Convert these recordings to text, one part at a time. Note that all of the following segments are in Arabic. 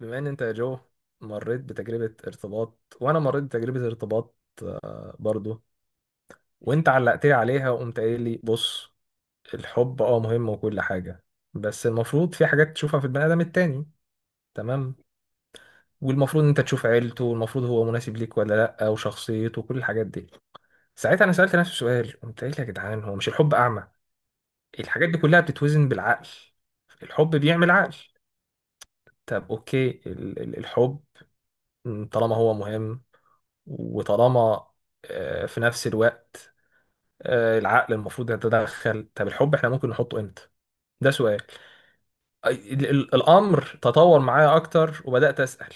بما ان انت يا جو مريت بتجربة ارتباط وانا مريت بتجربة ارتباط برضو. وانت علقت لي عليها وقمت قايل لي بص، الحب اه مهم وكل حاجة. بس المفروض في حاجات تشوفها في البني ادم التاني. تمام. والمفروض ان انت تشوف عيلته، والمفروض هو مناسب ليك ولا لا، وشخصيته وكل الحاجات دي. ساعتها انا سألت نفسي سؤال، قمت قايل يا جدعان هو مش الحب اعمى؟ الحاجات دي كلها بتتوزن بالعقل. الحب بيعمل عقل. طب اوكي الحب، طالما هو مهم وطالما في نفس الوقت، العقل المفروض يتدخل. طب الحب احنا ممكن نحطه امتى؟ ده سؤال. الامر تطور معايا اكتر وبدات اسال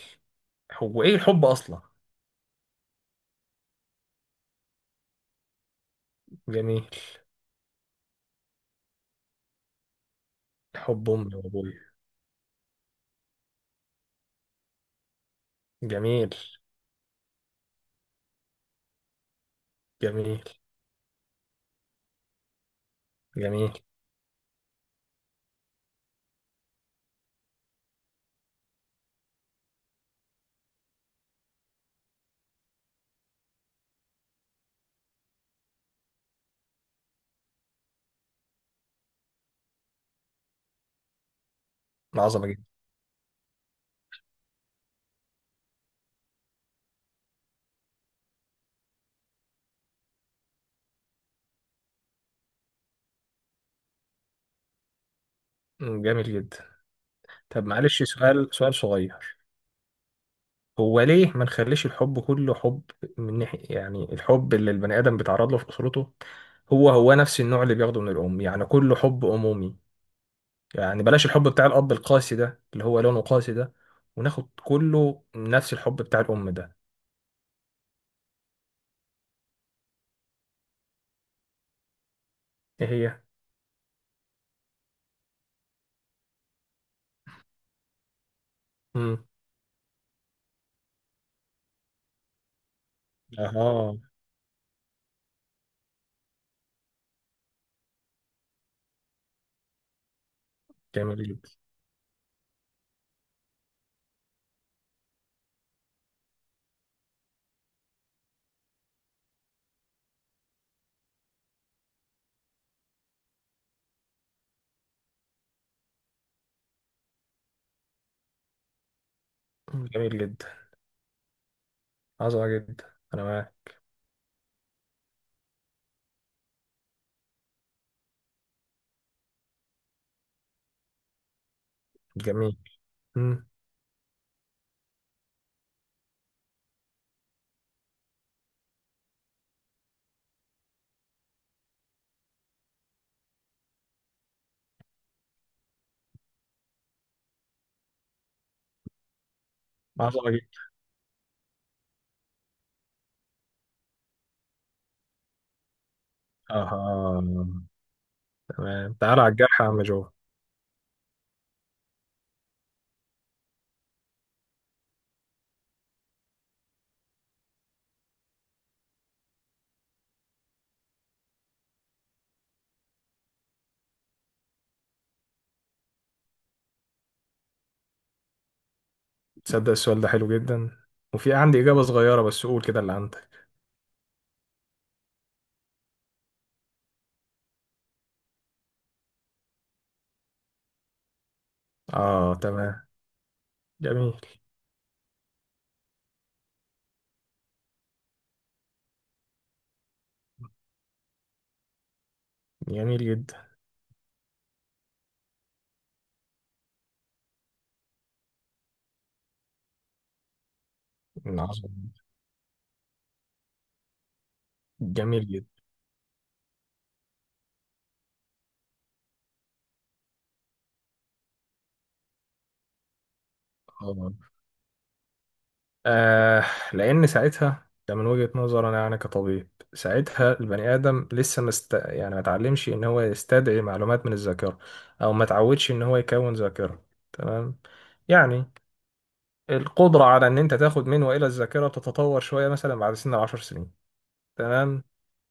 هو ايه الحب اصلا؟ جميل. حب امي وابويا. جميل. جميل. جميل. عظمه جدا. جميل جدا. طب معلش سؤال، سؤال صغير. هو ليه ما نخليش الحب كله حب؟ من ناحية يعني الحب اللي البني آدم بيتعرض له في أسرته، هو هو نفس النوع اللي بياخده من الأم، يعني كله حب أمومي. يعني بلاش الحب بتاع الأب القاسي ده، اللي هو لونه قاسي ده، وناخد كله نفس الحب بتاع الأم ده. إيه هي؟ مم. أها. جميل جدا. جميل جدا. عظمة جدا، أنا معاك. جميل. مم. عظمة جدا. أها. تمام، تعالى على الجرح يا عم جو. تصدق السؤال ده حلو جدا، وفي عندي إجابة صغيرة، بس قول كده اللي عندك. اه، تمام. جميل. جميل جدا. عظيم. جميل جدا. اه. آه، لان ساعتها ده من وجهة نظري انا يعني كطبيب، ساعتها البني ادم لسه مست... يعني ما اتعلمش ان هو يستدعي معلومات من الذاكره، او ما اتعودش ان هو يكون ذاكره. تمام. يعني القدره على ان انت تاخد من والى الذاكره تتطور شويه مثلا بعد سن 10 سنين. تمام.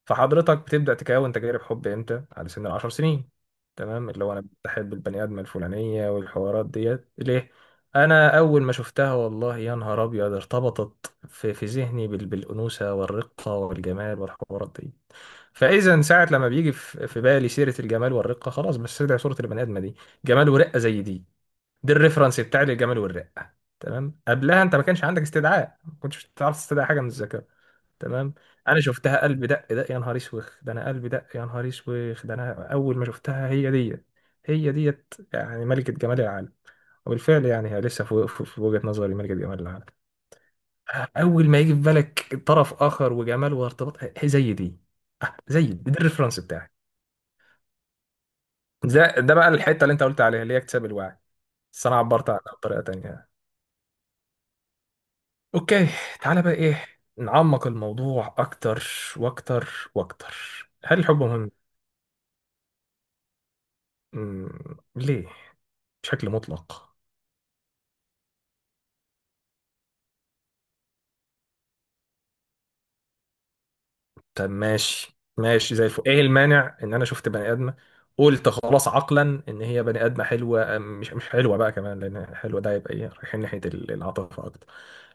فحضرتك بتبدأ تكون تجارب حب امتى؟ على سن 10 سنين. تمام، اللي هو انا بحب البني ادم الفلانيه والحوارات ديت ليه. انا اول ما شفتها والله يا نهار ابيض، ارتبطت في ذهني بالانوثه والرقه والجمال والحوارات دي. فاذا ساعه لما بيجي في بالي سيره الجمال والرقه، خلاص بستدعي صوره البني ادمه دي. جمال ورقه زي دي. دي الريفرنس بتاعي للجمال والرقه. تمام، قبلها انت ما كانش عندك استدعاء، ما كنتش تعرف تستدعي حاجه من الذكاء. تمام. انا شفتها قلب دق دق يا نهار اسوخ ده، انا قلب دق يا نهار اسوخ ده، انا اول ما شفتها هي ديت. هي ديت يعني ملكة جمال العالم. وبالفعل يعني هي لسه في وجهة نظري ملكة جمال العالم. اول ما يجي في بالك طرف اخر وجمال وارتباط، هي زي دي. زي دي، ده الريفرنس بتاعي. ده بقى الحتة اللي انت قلت عليها، اللي هي اكتساب الوعي، بس انا عبرت عنها بطريقة تانية. اوكي، تعالى بقى ايه، نعمق الموضوع اكتر واكتر واكتر. هل الحب مهم؟ مم. ليه؟ بشكل مطلق. طب ماشي ماشي زي الفل، ايه المانع ان انا شفت بني ادمه، قلت خلاص عقلا ان هي بني ادمه حلوه، مش حلوه بقى كمان، لان حلوه ده يبقى ايه، رايحين ناحيه العاطفه اكتر.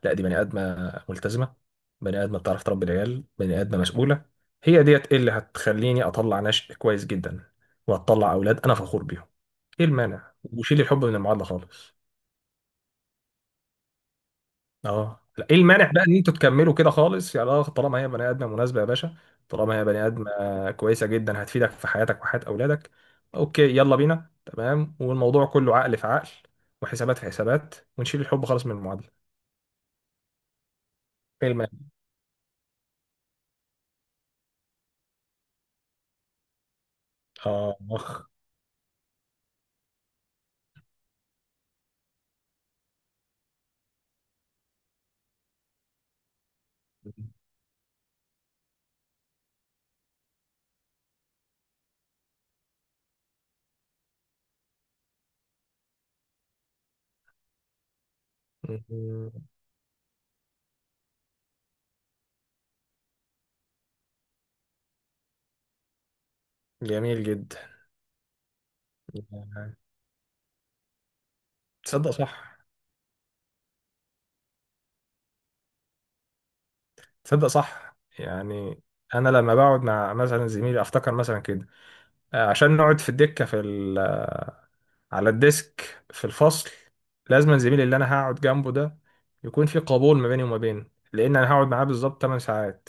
لا، دي بني ادمه ملتزمه، بني ادمه بتعرف تربي العيال، بني ادمه مسؤوله. هي ديت إيه اللي هتخليني اطلع نشء كويس جدا، وهتطلع اولاد انا فخور بيهم. ايه المانع وشيل الحب من المعادله خالص؟ اه لا، ايه المانع بقى ان انتوا تكملوا كده خالص يا لا، طالما هي بني ادمه مناسبه يا باشا. طالما هي بني ادمه كويسه جدا هتفيدك في حياتك وحياه اولادك. اوكي يلا بينا. تمام، والموضوع كله عقل في عقل، وحسابات في حسابات، ونشيل الحب خالص من المعادله. ايه المانع؟ اه اخ. جميل جدا. تصدق صح. تصدق صح يعني. انا لما بقعد مع مثلا زميلي افتكر مثلا كده، عشان نقعد في الدكه، في على الديسك في الفصل، لازم الزميل اللي انا هقعد جنبه ده يكون في قبول ما بيني وما بينه. لان انا هقعد معاه بالظبط 8 ساعات.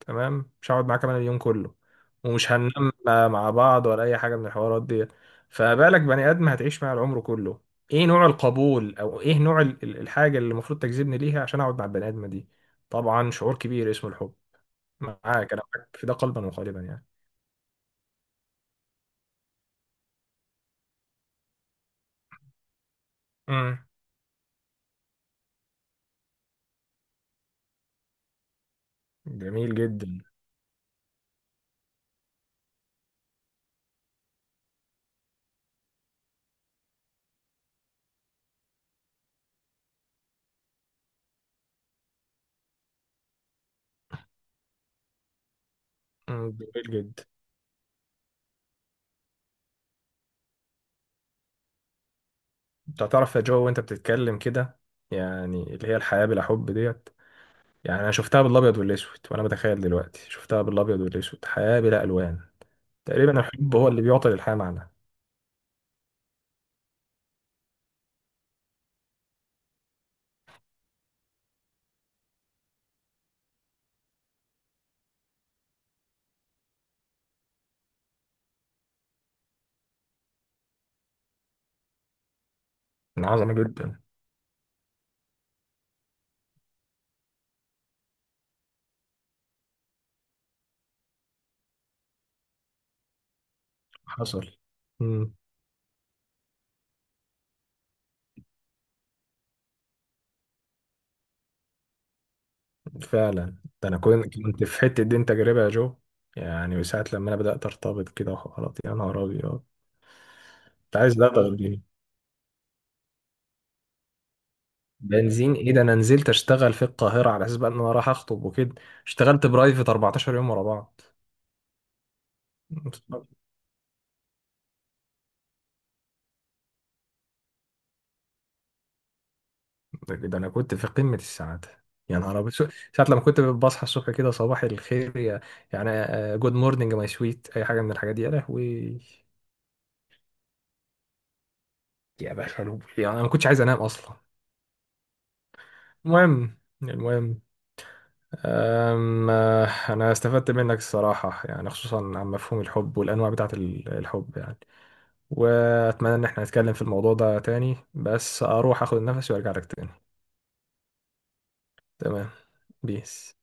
تمام، مش هقعد معاه كمان اليوم كله، ومش هننام مع بعض ولا اي حاجه من الحوارات دي. فما بالك بني ادم هتعيش معاه العمر كله، ايه نوع القبول او ايه نوع الحاجه اللي المفروض تجذبني ليها عشان اقعد مع البني ادمه دي؟ طبعا شعور كبير اسمه الحب. معاك، انا معاك في ده قلبا وقالبا يعني. امم. جميل جدا. امم. جميل جدا. انت هتعرف يا جو وانت بتتكلم كده، يعني اللي هي الحياة بلا حب ديت، يعني انا شفتها بالابيض والاسود، وانا بتخيل دلوقتي شفتها بالابيض والاسود، حياة بلا الوان. تقريبا الحب هو اللي بيعطي للحياة معنى. من عظمة جدا. حصل. امم. فعلا. ده انا كنت في حتة دي تجربة يا جو. يعني وساعة لما انا بدأت ارتبط كده وحوارات، يا نهار ابيض. انت عايز ده تغيرني. بنزين ايه ده، انا نزلت اشتغل في القاهرة على اساس بقى ان انا رايح اخطب وكده. اشتغلت برايفت 14 يوم ورا بعض. ده انا كنت في قمه السعاده. يا نهار ابيض، ساعه لما كنت بصحى الصبح كده صباح الخير يا، يعني، جود مورنينج ماي سويت، اي حاجه من الحاجات دي يا لهوي. يا باشا لوب، يعني انا ما كنتش عايز انام اصلا. المهم المهم، أم آه، انا استفدت منك الصراحه يعني، خصوصا عن مفهوم الحب والانواع بتاعه الحب يعني. واتمنى ان احنا نتكلم في الموضوع ده تاني، بس اروح اخد النفس وارجع لك تاني. تمام. بيس.